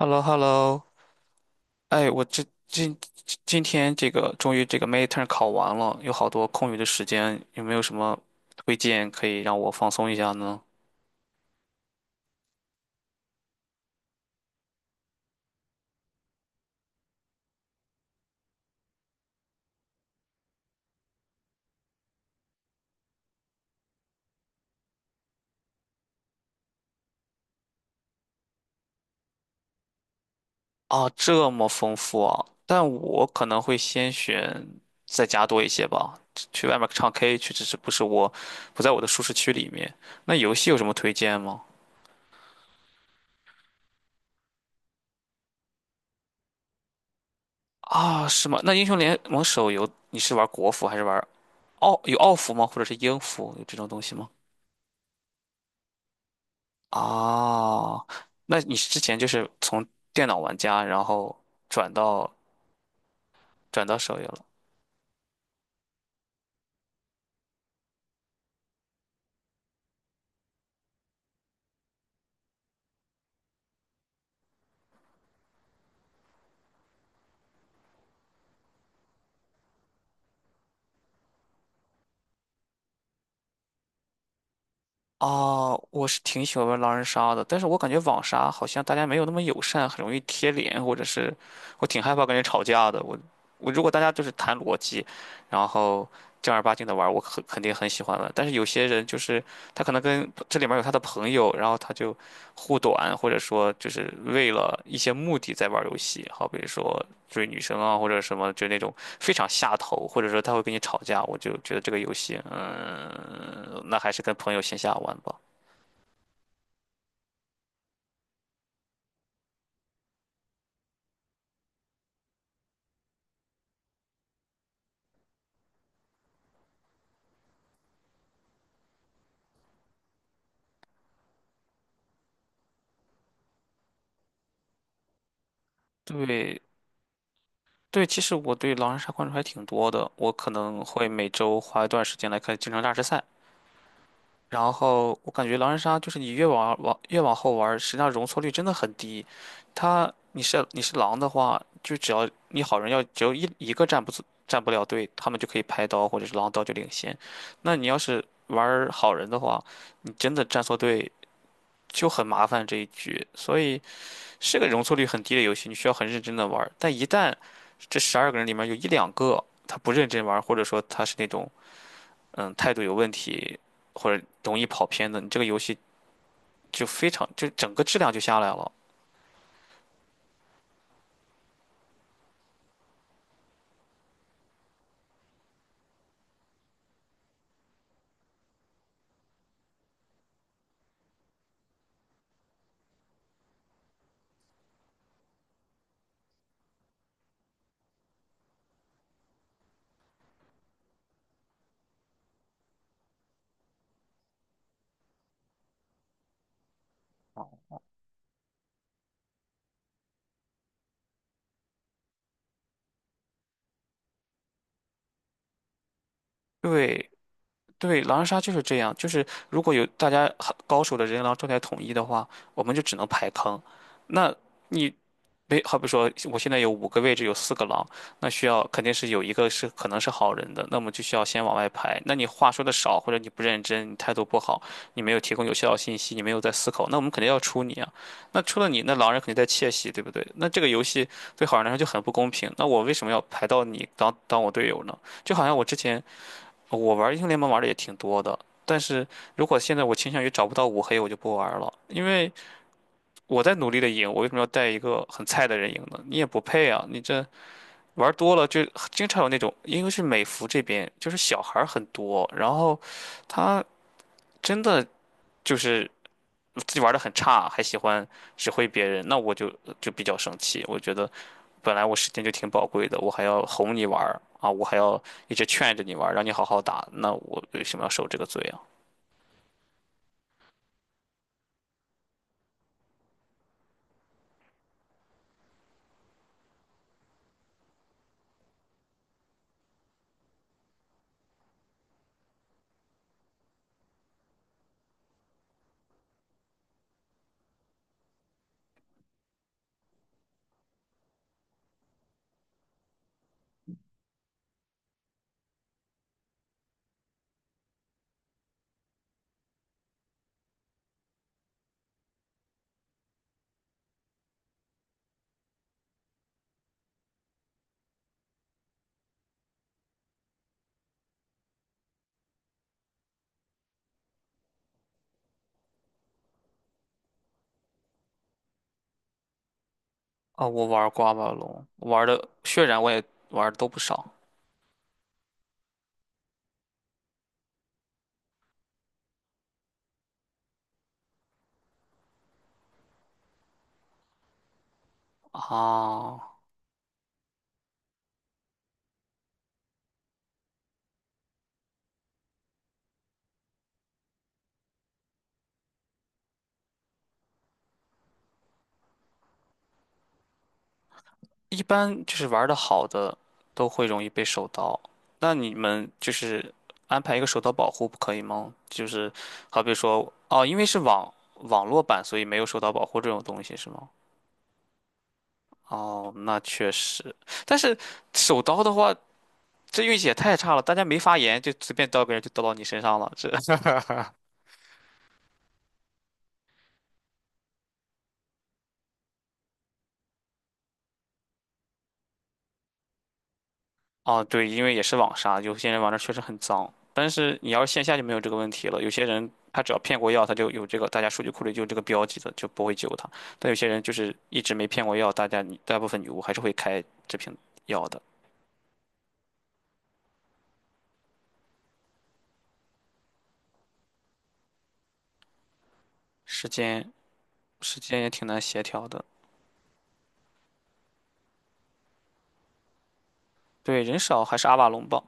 hello hello 哎，我这今今天这个终于这个 midterm 考完了，有好多空余的时间，有没有什么推荐可以让我放松一下呢？啊，这么丰富啊！但我可能会先选在家多一些吧，去外面唱 K 去，只是不是我不在我的舒适区里面。那游戏有什么推荐吗？啊，是吗？那英雄联盟手游你是玩国服还是玩奥有奥服吗？或者是英服有这种东西吗？哦，那你之前就是从电脑玩家，然后转到手游了？哦，我是挺喜欢玩狼人杀的，但是我感觉网杀好像大家没有那么友善，很容易贴脸，或者是我挺害怕跟人吵架的。我如果大家就是谈逻辑，然后正儿八经的玩，我肯定很喜欢玩。但是有些人就是他可能跟这里面有他的朋友，然后他就护短，或者说就是为了一些目的在玩游戏，好比如说。追女生啊，或者什么，就那种非常下头，或者说他会跟你吵架，我就觉得这个游戏，那还是跟朋友线下玩吧。对对，其实我对狼人杀关注还挺多的，我可能会每周花一段时间来看京城大师赛，然后我感觉狼人杀就是你越往越往后玩儿，实际上容错率真的很低。他你是狼的话，就只要你好人要只有一个站不了队，他们就可以拍刀或者是狼刀就领先。那你要是玩儿好人的话，你真的站错队就很麻烦这一局。所以是个容错率很低的游戏，你需要很认真的玩儿。但一旦这十二个人里面有一两个他不认真玩儿，或者说他是那种态度有问题，或者容易跑偏的，你这个游戏。就非常就整个质量就下来了。对对，狼人杀就是这样，就是如果有大家很高手的人狼状态统一的话，我们就只能排坑。那你没，好比说，我现在有5个位置，有四个狼，那需要肯定是有一个是可能是好人的，那么就需要先往外排。那你话说的少，或者你不认真，你态度不好，你没有提供有效的信息，你没有在思考，那我们肯定要出你啊。那出了你，那狼人肯定在窃喜，对不对？那这个游戏对好人来说就很不公平。那我为什么要排到你当我队友呢？就好像我之前我玩英雄联盟玩的也挺多的，但是如果现在我倾向于找不到五黑，我就不玩了，因为。我在努力的赢，我为什么要带一个很菜的人赢呢？你也不配啊！你这玩多了就经常有那种，因为是美服这边就是小孩儿很多，然后他真的就是自己玩的很差，还喜欢指挥别人，那我就就比较生气。我觉得本来我时间就挺宝贵的，我还要哄你玩儿啊，我还要一直劝着你玩儿让你好好打，那我为什么要受这个罪啊？啊，我玩儿刮刮龙，玩的血染我也玩的都不少啊。一般就是玩的好的都会容易被手刀，那你们就是安排一个手刀保护不可以吗？就是好比说，哦，因为是网络版，所以没有手刀保护这种东西是吗？哦，那确实，但是手刀的话，这运气也太差了，大家没发言就随便刀个人就刀到你身上了，这哦，对，因为也是网杀，有些人玩的确实很脏，但是你要是线下就没有这个问题了。有些人他只要骗过药，他就有这个，大家数据库里就有这个标记的，就不会救他。但有些人就是一直没骗过药，大家大部分女巫还是会开这瓶药的。时间时间也挺难协调的，对，人少还是阿瓦隆吧，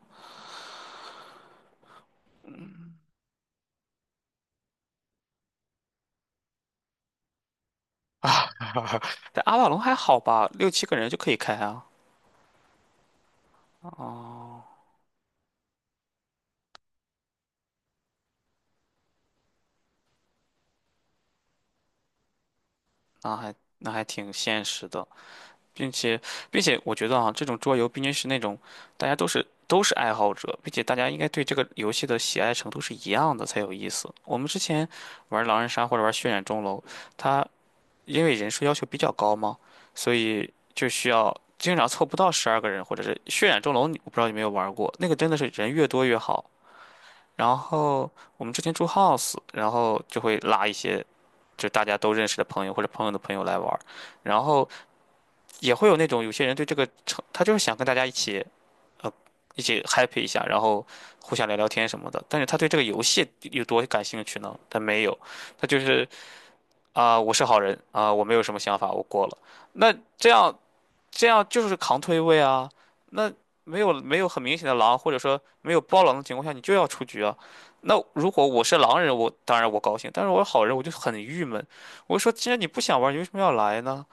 但阿瓦隆还好吧，六七个人就可以开啊，那还挺现实的。并且，并且我觉得啊，这种桌游毕竟是那种大家都是爱好者，并且大家应该对这个游戏的喜爱程度是一样的才有意思。我们之前玩狼人杀或者玩血染钟楼，它因为人数要求比较高嘛，所以就需要经常凑不到十二个人，或者是血染钟楼，你我不知道有没有玩过，那个真的是人越多越好。然后我们之前住 house，然后就会拉一些就大家都认识的朋友或者朋友的朋友来玩儿然后。也会有那种有些人对这个成，他就是想跟大家一起呃一起 happy 一下，然后互相聊聊天什么的。但是他对这个游戏有多感兴趣呢？他没有，他就是啊、我是好人啊、我没有什么想法，我过了。那这样就是扛推位啊。那没有很明显的狼，或者说没有包狼的情况下，你就要出局啊。那如果我是狼人，我当然我高兴，但是我是好人，我就很郁闷。我就说，既然你不想玩，你为什么要来呢？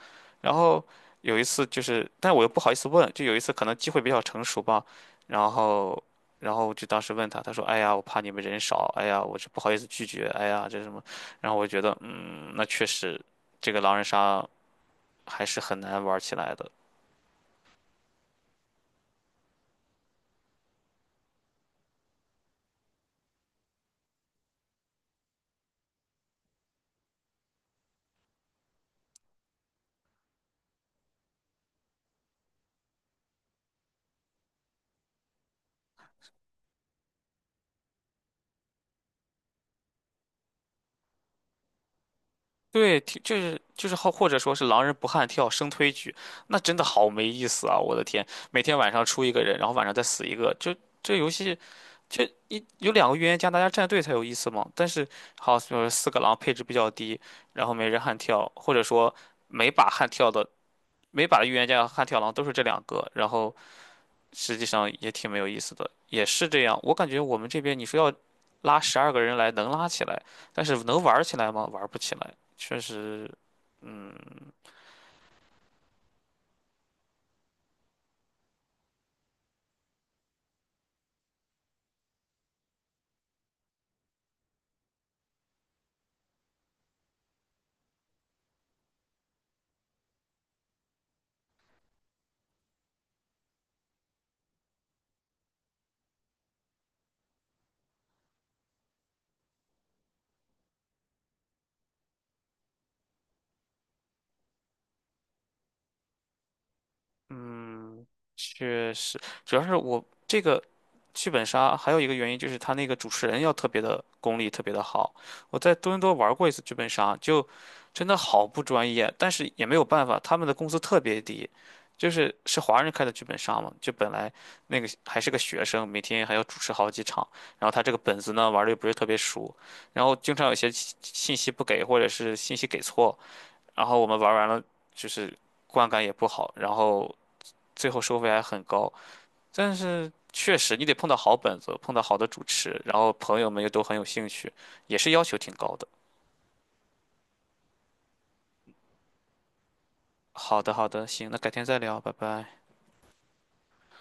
然后有一次就是，但我又不好意思问，就有一次可能机会比较成熟吧，然后。然后就当时问他，他说：“哎呀，我怕你们人少，哎呀，我这不好意思拒绝，哎呀，这什么？”然后我觉得，嗯，那确实，这个狼人杀还是很难玩起来的。对，挺就是好，或者说是狼人不汉跳生推局，那真的好没意思啊！我的天，每天晚上出一个人，然后晚上再死一个，就这游戏，就一有两个预言家，大家站队才有意思嘛。但是好，就是四个狼配置比较低，然后没人悍跳，或者说每把悍跳的每把的预言家和悍跳狼都是这两个，然后实际上也挺没有意思的，也是这样。我感觉我们这边你说要拉十二个人来能拉起来，但是能玩儿起来吗？玩儿不起来，确实，嗯，嗯，确实，主要是我这个剧本杀还有一个原因就是他那个主持人要特别的功力特别的好。我在多伦多玩过一次剧本杀，就真的好不专业，但是也没有办法，他们的工资特别低，是华人开的剧本杀嘛，就本来那个还是个学生，每天还要主持好几场，然后他这个本子呢玩的又不是特别熟，然后经常有些信息不给或者是信息给错，然后我们玩完了就是观感也不好，然后。最后收费还很高。但是确实你得碰到好本子，碰到好的主持，然后朋友们又都很有兴趣，也是要求挺高的。好的，好的，行，那改天再聊，拜拜。